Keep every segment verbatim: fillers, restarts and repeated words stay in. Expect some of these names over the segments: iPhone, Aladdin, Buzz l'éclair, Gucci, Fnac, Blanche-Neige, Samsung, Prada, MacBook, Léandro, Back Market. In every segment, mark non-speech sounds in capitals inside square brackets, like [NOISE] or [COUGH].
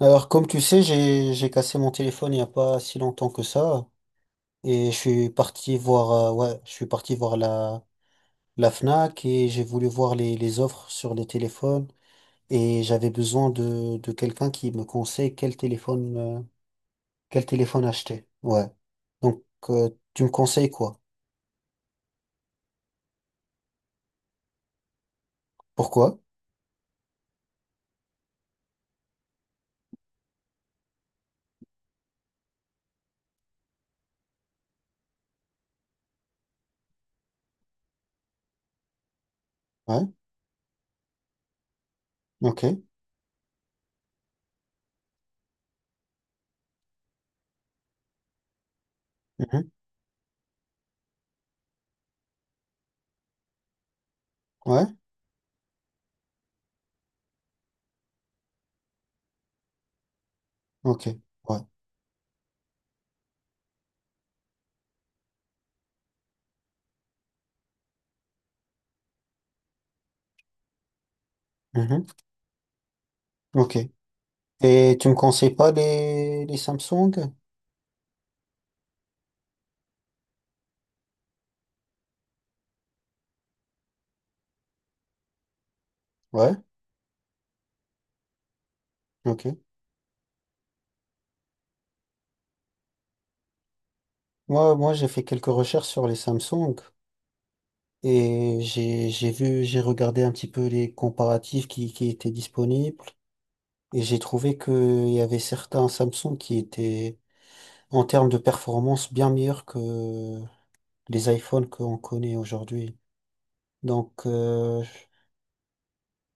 Alors, comme tu sais, j'ai j'ai cassé mon téléphone il n'y a pas si longtemps que ça, et je suis parti voir, euh, ouais, je suis parti voir la la Fnac et j'ai voulu voir les les offres sur les téléphones et j'avais besoin de de quelqu'un qui me conseille quel téléphone euh, quel téléphone acheter. Ouais. Donc, euh, tu me conseilles quoi? Pourquoi? Ouais. Ok. Mhm. Ouais. Ok. Ouais. Mhm. Ok. Et tu me conseilles pas les les Samsung? Ouais. Ok. Moi, moi, j'ai fait quelques recherches sur les Samsung et j'ai, j'ai vu, j'ai regardé un petit peu les comparatifs qui, qui étaient disponibles et j'ai trouvé qu'il y avait certains Samsung qui étaient, en termes de performance, bien meilleurs que les iPhones qu'on connaît aujourd'hui. Donc, euh,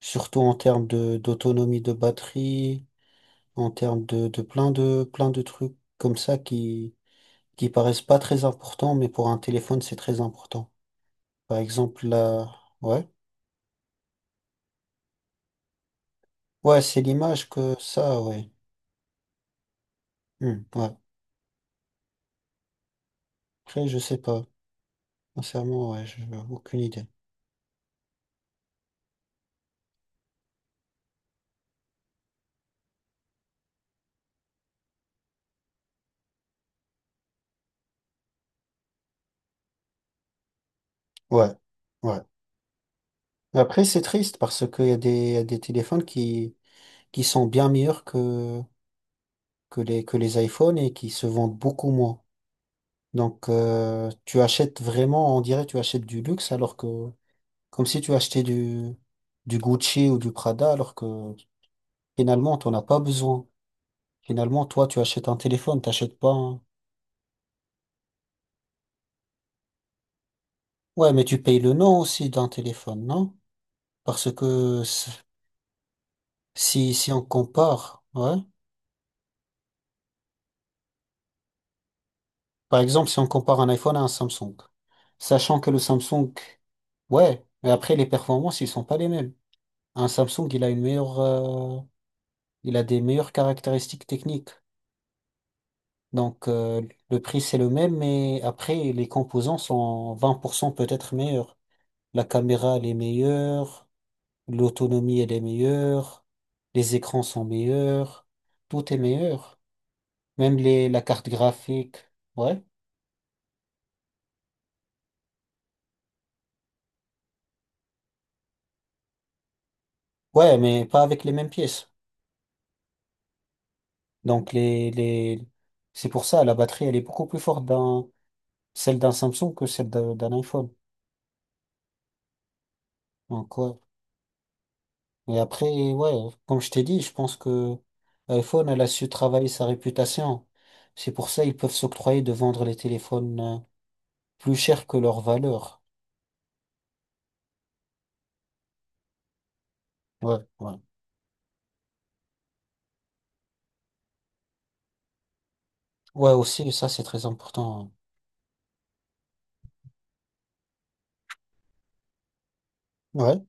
surtout en termes de, d'autonomie de batterie, en termes de, de plein de, plein de trucs comme ça qui, qui paraissent pas très importants, mais pour un téléphone, c'est très important. Par exemple, la, ouais. Ouais, c'est l'image que ça, ouais. Hmm, ouais. Après, je sais pas. Sincèrement, ouais, j'ai aucune idée. Ouais, ouais. Mais après, c'est triste parce qu'il y a des, y a des téléphones qui, qui sont bien meilleurs que, que les, que les iPhones et qui se vendent beaucoup moins. Donc, euh, tu achètes vraiment, on dirait, tu achètes du luxe alors que, comme si tu achetais du, du Gucci ou du Prada alors que finalement, t'en as pas besoin. Finalement, toi, tu achètes un téléphone, t'achètes pas un... Ouais, mais tu payes le nom aussi d'un téléphone, non? Parce que s- si, si on compare, ouais, par exemple, si on compare un iPhone à un Samsung, sachant que le Samsung, ouais, mais après les performances, ils sont pas les mêmes. Un Samsung, il a une meilleure, euh, il a des meilleures caractéristiques techniques. Donc, euh, le prix, c'est le même, mais après, les composants sont vingt pour cent peut-être meilleurs. La caméra, elle est meilleure, l'autonomie, elle est meilleure, les écrans sont meilleurs, tout est meilleur. Même les, la carte graphique. Ouais. Ouais, mais pas avec les mêmes pièces. Donc les, les... c'est pour ça, la batterie, elle est beaucoup plus forte dans celle d'un Samsung que celle d'un d'un iPhone. Donc ouais. Et après, ouais, comme je t'ai dit, je pense que iPhone, elle a su travailler sa réputation. C'est pour ça ils peuvent s'octroyer de vendre les téléphones euh, plus chers que leur valeur. Ouais, ouais. Ouais, aussi, ça, c'est très important. Ouais.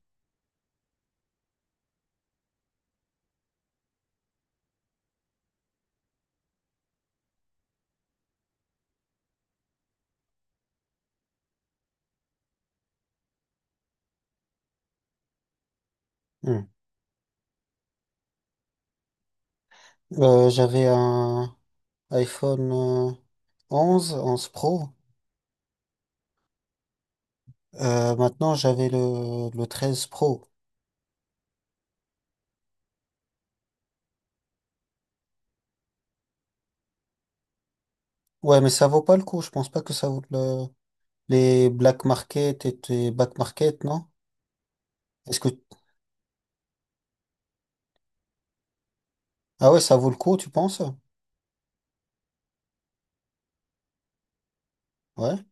Hmm. Euh, j'avais un... iPhone euh, onze 11 Pro. Euh, maintenant, j'avais le, le treize Pro. Ouais, mais ça vaut pas le coup. Je pense pas que ça vaut le, les Black Market et les Back Market, non? Est-ce que, ah ouais, ça vaut le coup, tu penses? Ouais,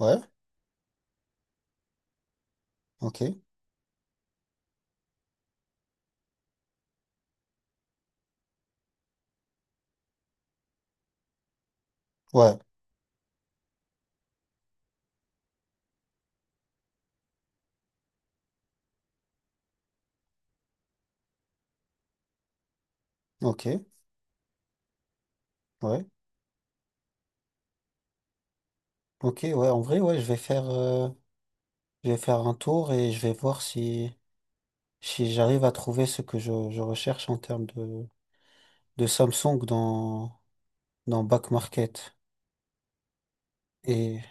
ouais, ok, ouais, ok, ouais, ok, ouais, en vrai, ouais, je vais faire, euh, je vais faire un tour et je vais voir si, si j'arrive à trouver ce que je, je recherche en termes de, de Samsung dans, dans Back Market. Et,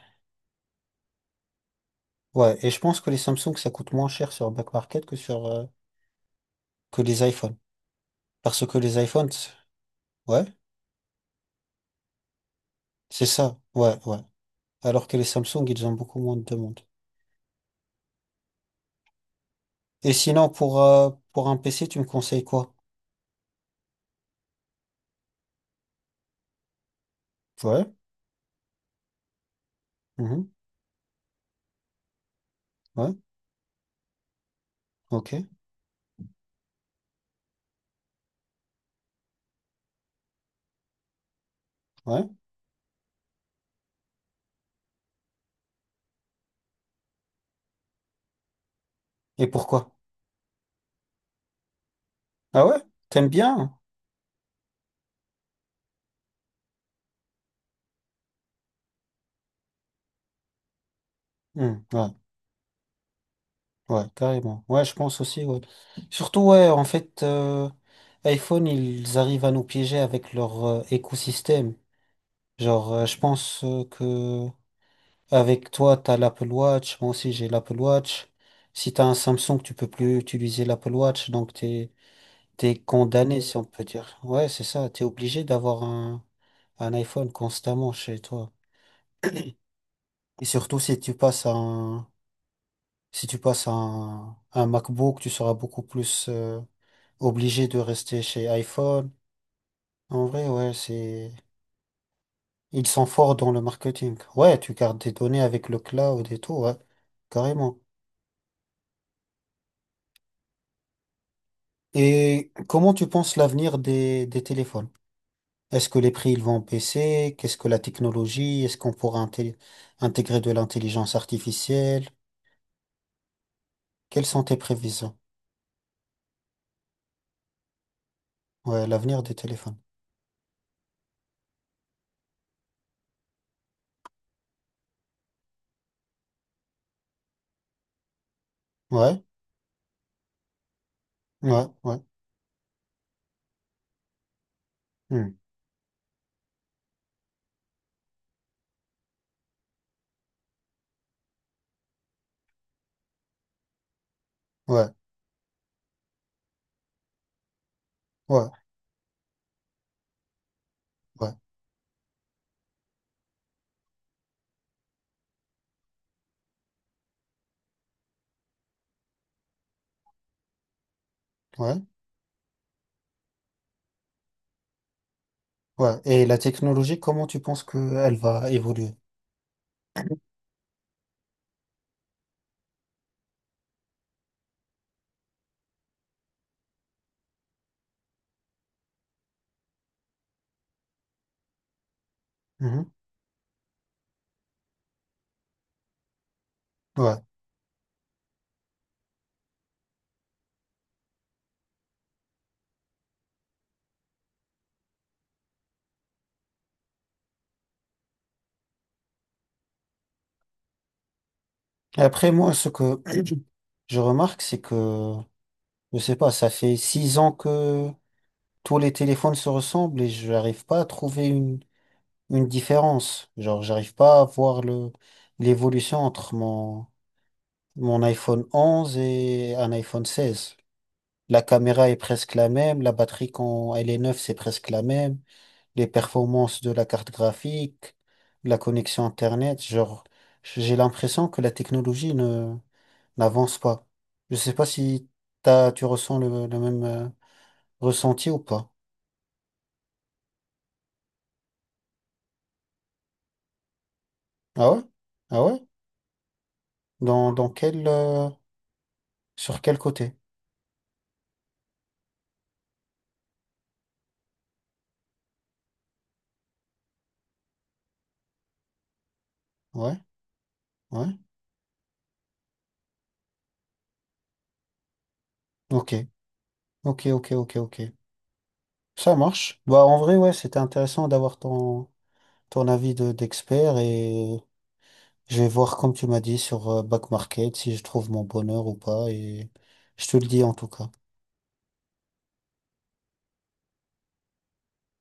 ouais, et je pense que les Samsung, ça coûte moins cher sur Back Market que sur euh, que les iPhones. Parce que les iPhones, c'est- ouais, c'est ça, ouais, ouais. Alors que les Samsung, ils ont beaucoup moins de demandes. Et sinon, pour, euh, pour un P C, tu me conseilles quoi? Ouais, mhm, ouais, ok, ouais. Et pourquoi? Ah ouais? T'aimes bien? Hmm, ouais, ouais, carrément. Ouais, je pense aussi, ouais. Surtout, ouais, en fait, euh, iPhone, ils arrivent à nous piéger avec leur euh, écosystème. Genre, euh, je pense euh, que avec toi, t'as l'Apple Watch. Moi aussi, j'ai l'Apple Watch. Si t'as un Samsung, tu peux plus utiliser l'Apple Watch. Donc, t'es, t'es condamné, si on peut dire. Ouais, c'est ça. T'es obligé d'avoir un, un iPhone constamment chez toi. Et surtout, si tu passes à un, si tu passes à un, un MacBook, tu seras beaucoup plus, euh, obligé de rester chez iPhone. En vrai, ouais, c'est, ils sont forts dans le marketing. Ouais, tu gardes des données avec le cloud et tout, ouais. Carrément. Et comment tu penses l'avenir des, des téléphones? Est-ce que les prix ils vont baisser? Qu'est-ce que la technologie? Est-ce qu'on pourra inté- intégrer de l'intelligence artificielle? Quelles sont tes prévisions? Ouais, l'avenir des téléphones. Ouais, ouais, ouais, hmm, ouais, ouais, ouais, ouais, ouais. Et la technologie, comment tu penses qu'elle va évoluer? Mhm, ouais. Et après, moi, ce que [CLEARS THROAT] je remarque, c'est que, je sais pas, ça fait six ans que tous les téléphones se ressemblent et je n'arrive pas à trouver une différence. Genre, j'arrive pas à voir le, l'évolution entre mon, mon iPhone onze et un iPhone seize. La caméra est presque la même, la batterie quand elle est neuve, c'est presque la même, les performances de la carte graphique, la connexion Internet, genre, j'ai l'impression que la technologie ne, n'avance pas. Je sais pas si t'as, tu ressens le, le même euh, ressenti ou pas. Ah ouais? Ah ouais? Dans, dans quel, euh, sur quel côté? Ouais, ouais. Ok, ok, ok, ok, ok. Ça marche. Bah, en vrai, ouais, c'était intéressant d'avoir ton, ton avis de, d'expert et je vais voir, comme tu m'as dit, sur euh, Back Market si je trouve mon bonheur ou pas et je te le dis en tout cas.